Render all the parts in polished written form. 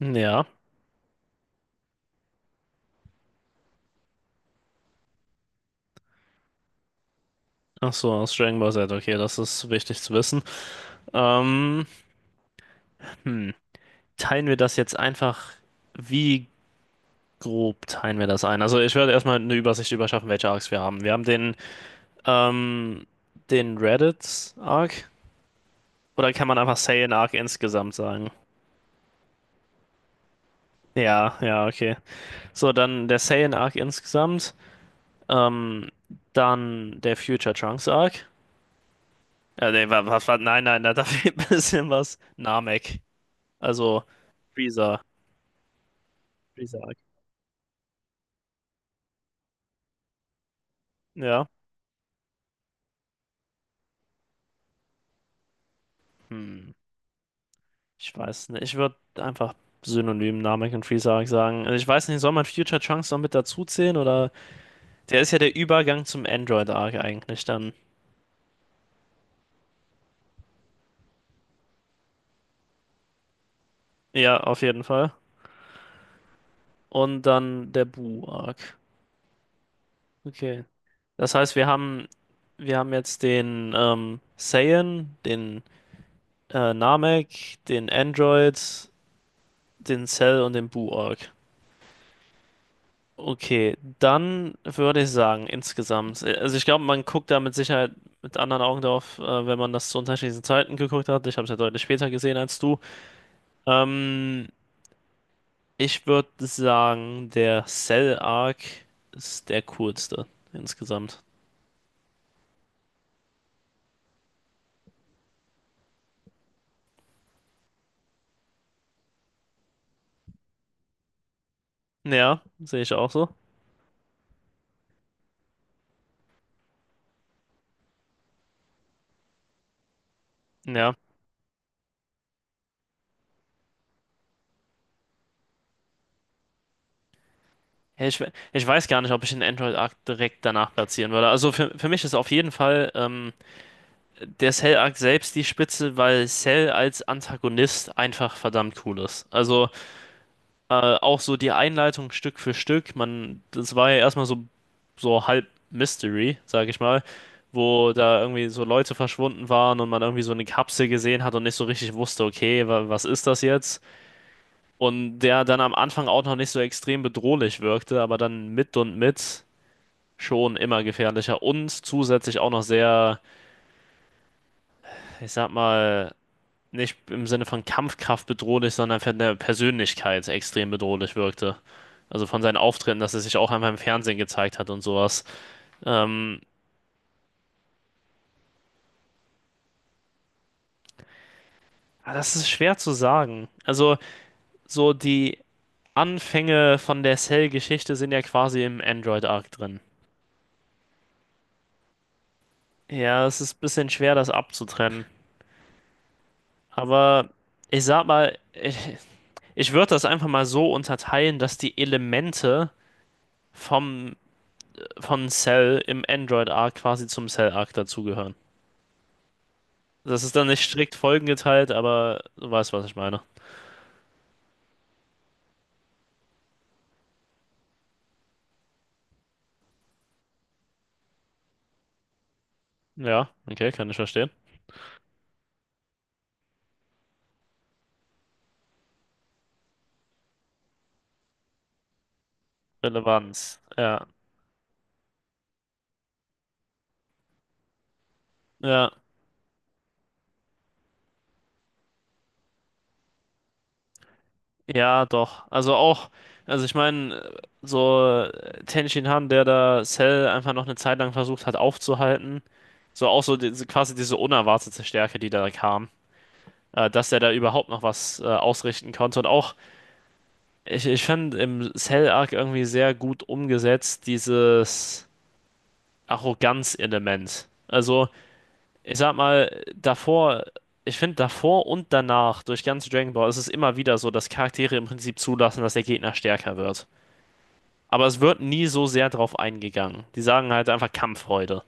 Ja, ach so, aus Dragon Ball Z, okay, das ist wichtig zu wissen. Ähm, hm. Teilen wir das jetzt einfach, wie grob teilen wir das ein? Also ich werde erstmal eine Übersicht überschaffen, welche Arcs wir haben. Wir haben den, ähm, den Reddit-Arc, oder kann man einfach Saiyan-Arc insgesamt sagen? Ja, ja, okay. So, dann der Saiyan-Arc insgesamt, ähm, dann der Future Trunks-Arc. Nee, nein, nein, da fehlt ein bisschen was. Namek. Also Freezer. Freezerg. Ja. Hm. Ich weiß nicht. Ich würde einfach synonym Namek und Freezer sagen. Also ich weiß nicht, soll man Future Trunks noch mit dazu zählen oder der ist ja der Übergang zum Android Arc eigentlich dann. Ja, auf jeden Fall. Und dann der Buu Arc. Okay. Das heißt, wir haben jetzt den Saiyan, den Namek, den Android, den Cell und den Buu Arc. Okay, dann würde ich sagen, insgesamt. Also ich glaube, man guckt da mit Sicherheit mit anderen Augen drauf, wenn man das zu unterschiedlichen Zeiten geguckt hat. Ich habe es ja deutlich später gesehen als du. Ähm, ich würde sagen, der Cell-Arc ist der coolste insgesamt. Ja, sehe ich auch so. Ja. Ja, ich weiß gar nicht, ob ich den Android-Arc direkt danach platzieren würde. Also für mich ist auf jeden Fall. Der Cell-Arc selbst die Spitze, weil Cell als Antagonist einfach verdammt cool ist. Also auch so die Einleitung Stück für Stück, man, das war ja erstmal so, so halb Mystery, sag ich mal, wo da irgendwie so Leute verschwunden waren und man irgendwie so eine Kapsel gesehen hat und nicht so richtig wusste, okay, wa was ist das jetzt? Und der dann am Anfang auch noch nicht so extrem bedrohlich wirkte, aber dann mit und mit schon immer gefährlicher und zusätzlich auch noch sehr, ich sag mal, nicht im Sinne von Kampfkraft bedrohlich, sondern von der Persönlichkeit extrem bedrohlich wirkte. Also von seinen Auftritten, dass er sich auch einmal im Fernsehen gezeigt hat und sowas. Ähm, aber das ist schwer zu sagen. Also so die Anfänge von der Cell-Geschichte sind ja quasi im Android-Arc drin. Ja, es ist ein bisschen schwer, das abzutrennen. Aber ich sag mal, ich würde das einfach mal so unterteilen, dass die Elemente vom, von Cell im Android-Arc quasi zum Cell-Arc dazugehören. Das ist dann nicht strikt folgengeteilt, aber du weißt, was ich meine. Ja, okay, kann ich verstehen. Relevanz. Ja, ja, ja, doch. Also auch, also ich meine, so Ten Shin Han, der da Cell einfach noch eine Zeit lang versucht hat aufzuhalten, so auch so diese, quasi diese unerwartete Stärke, die da kam, dass der da überhaupt noch was ausrichten konnte und auch, ich fand im Cell-Arc irgendwie sehr gut umgesetzt dieses Arroganz-Element. Also ich sag mal, davor, ich finde davor und danach durch ganz Dragon Ball ist es immer wieder so, dass Charaktere im Prinzip zulassen, dass der Gegner stärker wird. Aber es wird nie so sehr drauf eingegangen. Die sagen halt einfach Kampffreude.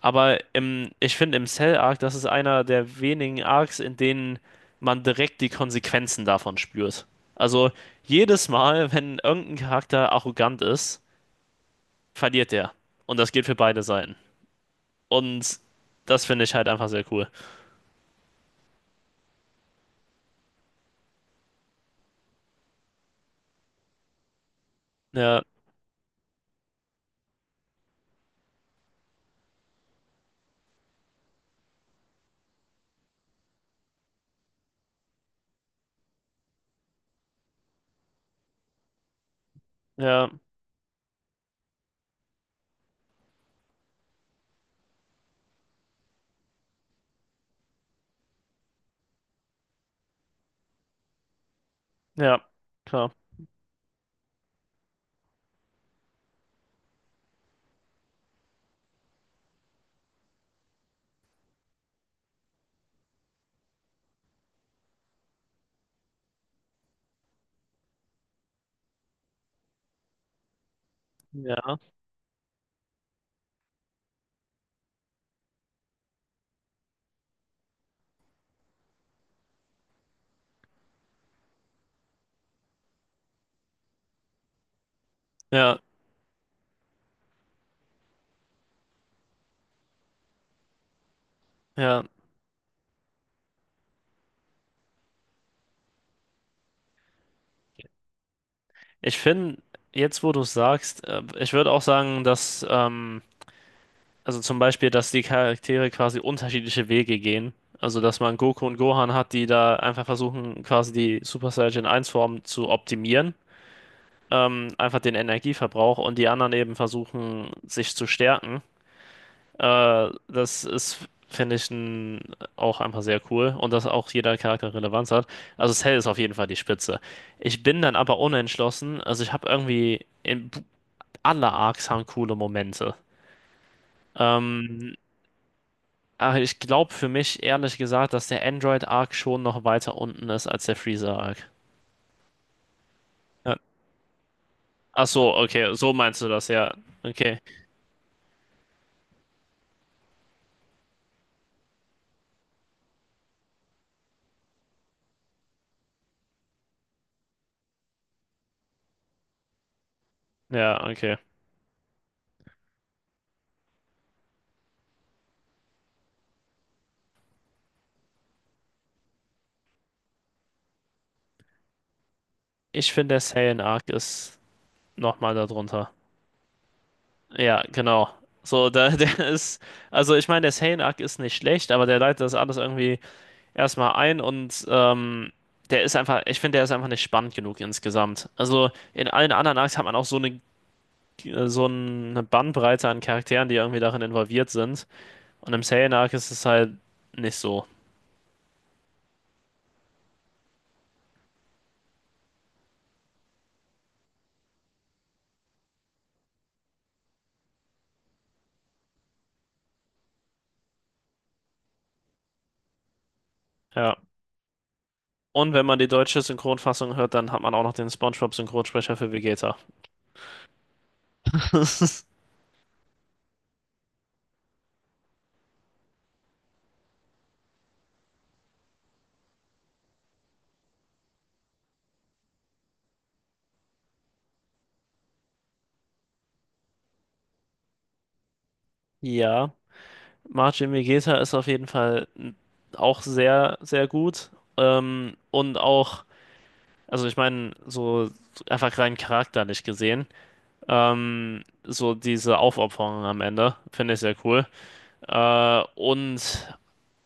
Aber ich finde im Cell Arc, das ist einer der wenigen Arcs, in denen man direkt die Konsequenzen davon spürt. Also jedes Mal, wenn irgendein Charakter arrogant ist, verliert der. Und das gilt für beide Seiten. Und das finde ich halt einfach sehr cool. Ja, ja. Ja, klar. Ja, ja, ja. Ich finde, jetzt wo du es sagst, ich würde auch sagen, dass also zum Beispiel, dass die Charaktere quasi unterschiedliche Wege gehen. Also, dass man Goku und Gohan hat, die da einfach versuchen, quasi die Super Saiyan eins form zu optimieren. Einfach den Energieverbrauch und die anderen eben versuchen, sich zu stärken. Das ist, finde ich, auch einfach sehr cool und dass auch jeder Charakter Relevanz hat. Also Cell ist auf jeden Fall die Spitze. Ich bin dann aber unentschlossen. Also ich habe irgendwie, in, alle Arcs haben coole Momente. Ähm, aber ich glaube für mich, ehrlich gesagt, dass der Android-Arc schon noch weiter unten ist als der Freezer-Arc. Ja. Ach so, okay, so meinst du das, ja. Okay, ja, okay. Ich finde, der Saiyan-Arc ist nochmal darunter. Ja, genau. So, da, der ist, also ich meine, der Sainak ist nicht schlecht, aber der leitet das alles irgendwie erstmal ein und der ist einfach, ich finde, der ist einfach nicht spannend genug insgesamt. Also in allen anderen Arcs hat man auch so eine Bandbreite an Charakteren, die irgendwie darin involviert sind. Und im Sainak ist es halt nicht so. Ja. Und wenn man die deutsche Synchronfassung hört, dann hat man auch noch den SpongeBob-Synchronsprecher für Vegeta. Ja. Marcin Vegeta ist auf jeden Fall auch sehr, sehr gut. Und auch, also ich meine, so einfach rein charakterlich gesehen, so diese Aufopferung am Ende finde ich sehr cool. Und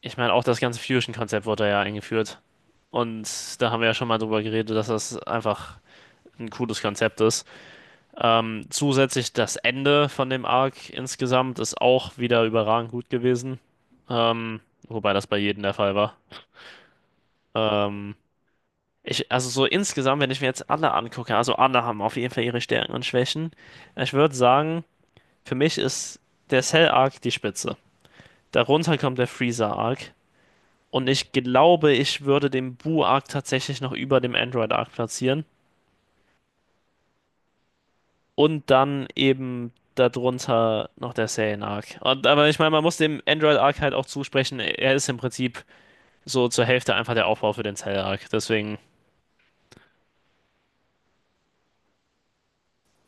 ich meine, auch das ganze Fusion-Konzept wurde ja eingeführt. Und da haben wir ja schon mal drüber geredet, dass das einfach ein cooles Konzept ist. Zusätzlich das Ende von dem Arc insgesamt ist auch wieder überragend gut gewesen. Ähm, wobei das bei jedem der Fall war. Ähm, also so insgesamt, wenn ich mir jetzt alle angucke, also alle haben auf jeden Fall ihre Stärken und Schwächen. Ich würde sagen, für mich ist der Cell-Arc die Spitze. Darunter kommt der Freezer-Arc. Und ich glaube, ich würde den Boo-Arc tatsächlich noch über dem Android-Arc platzieren. Und dann eben darunter noch der Serien Arc. Und, aber ich meine, man muss dem Android Arc halt auch zusprechen, er ist im Prinzip so zur Hälfte einfach der Aufbau für den Cell Arc. Deswegen.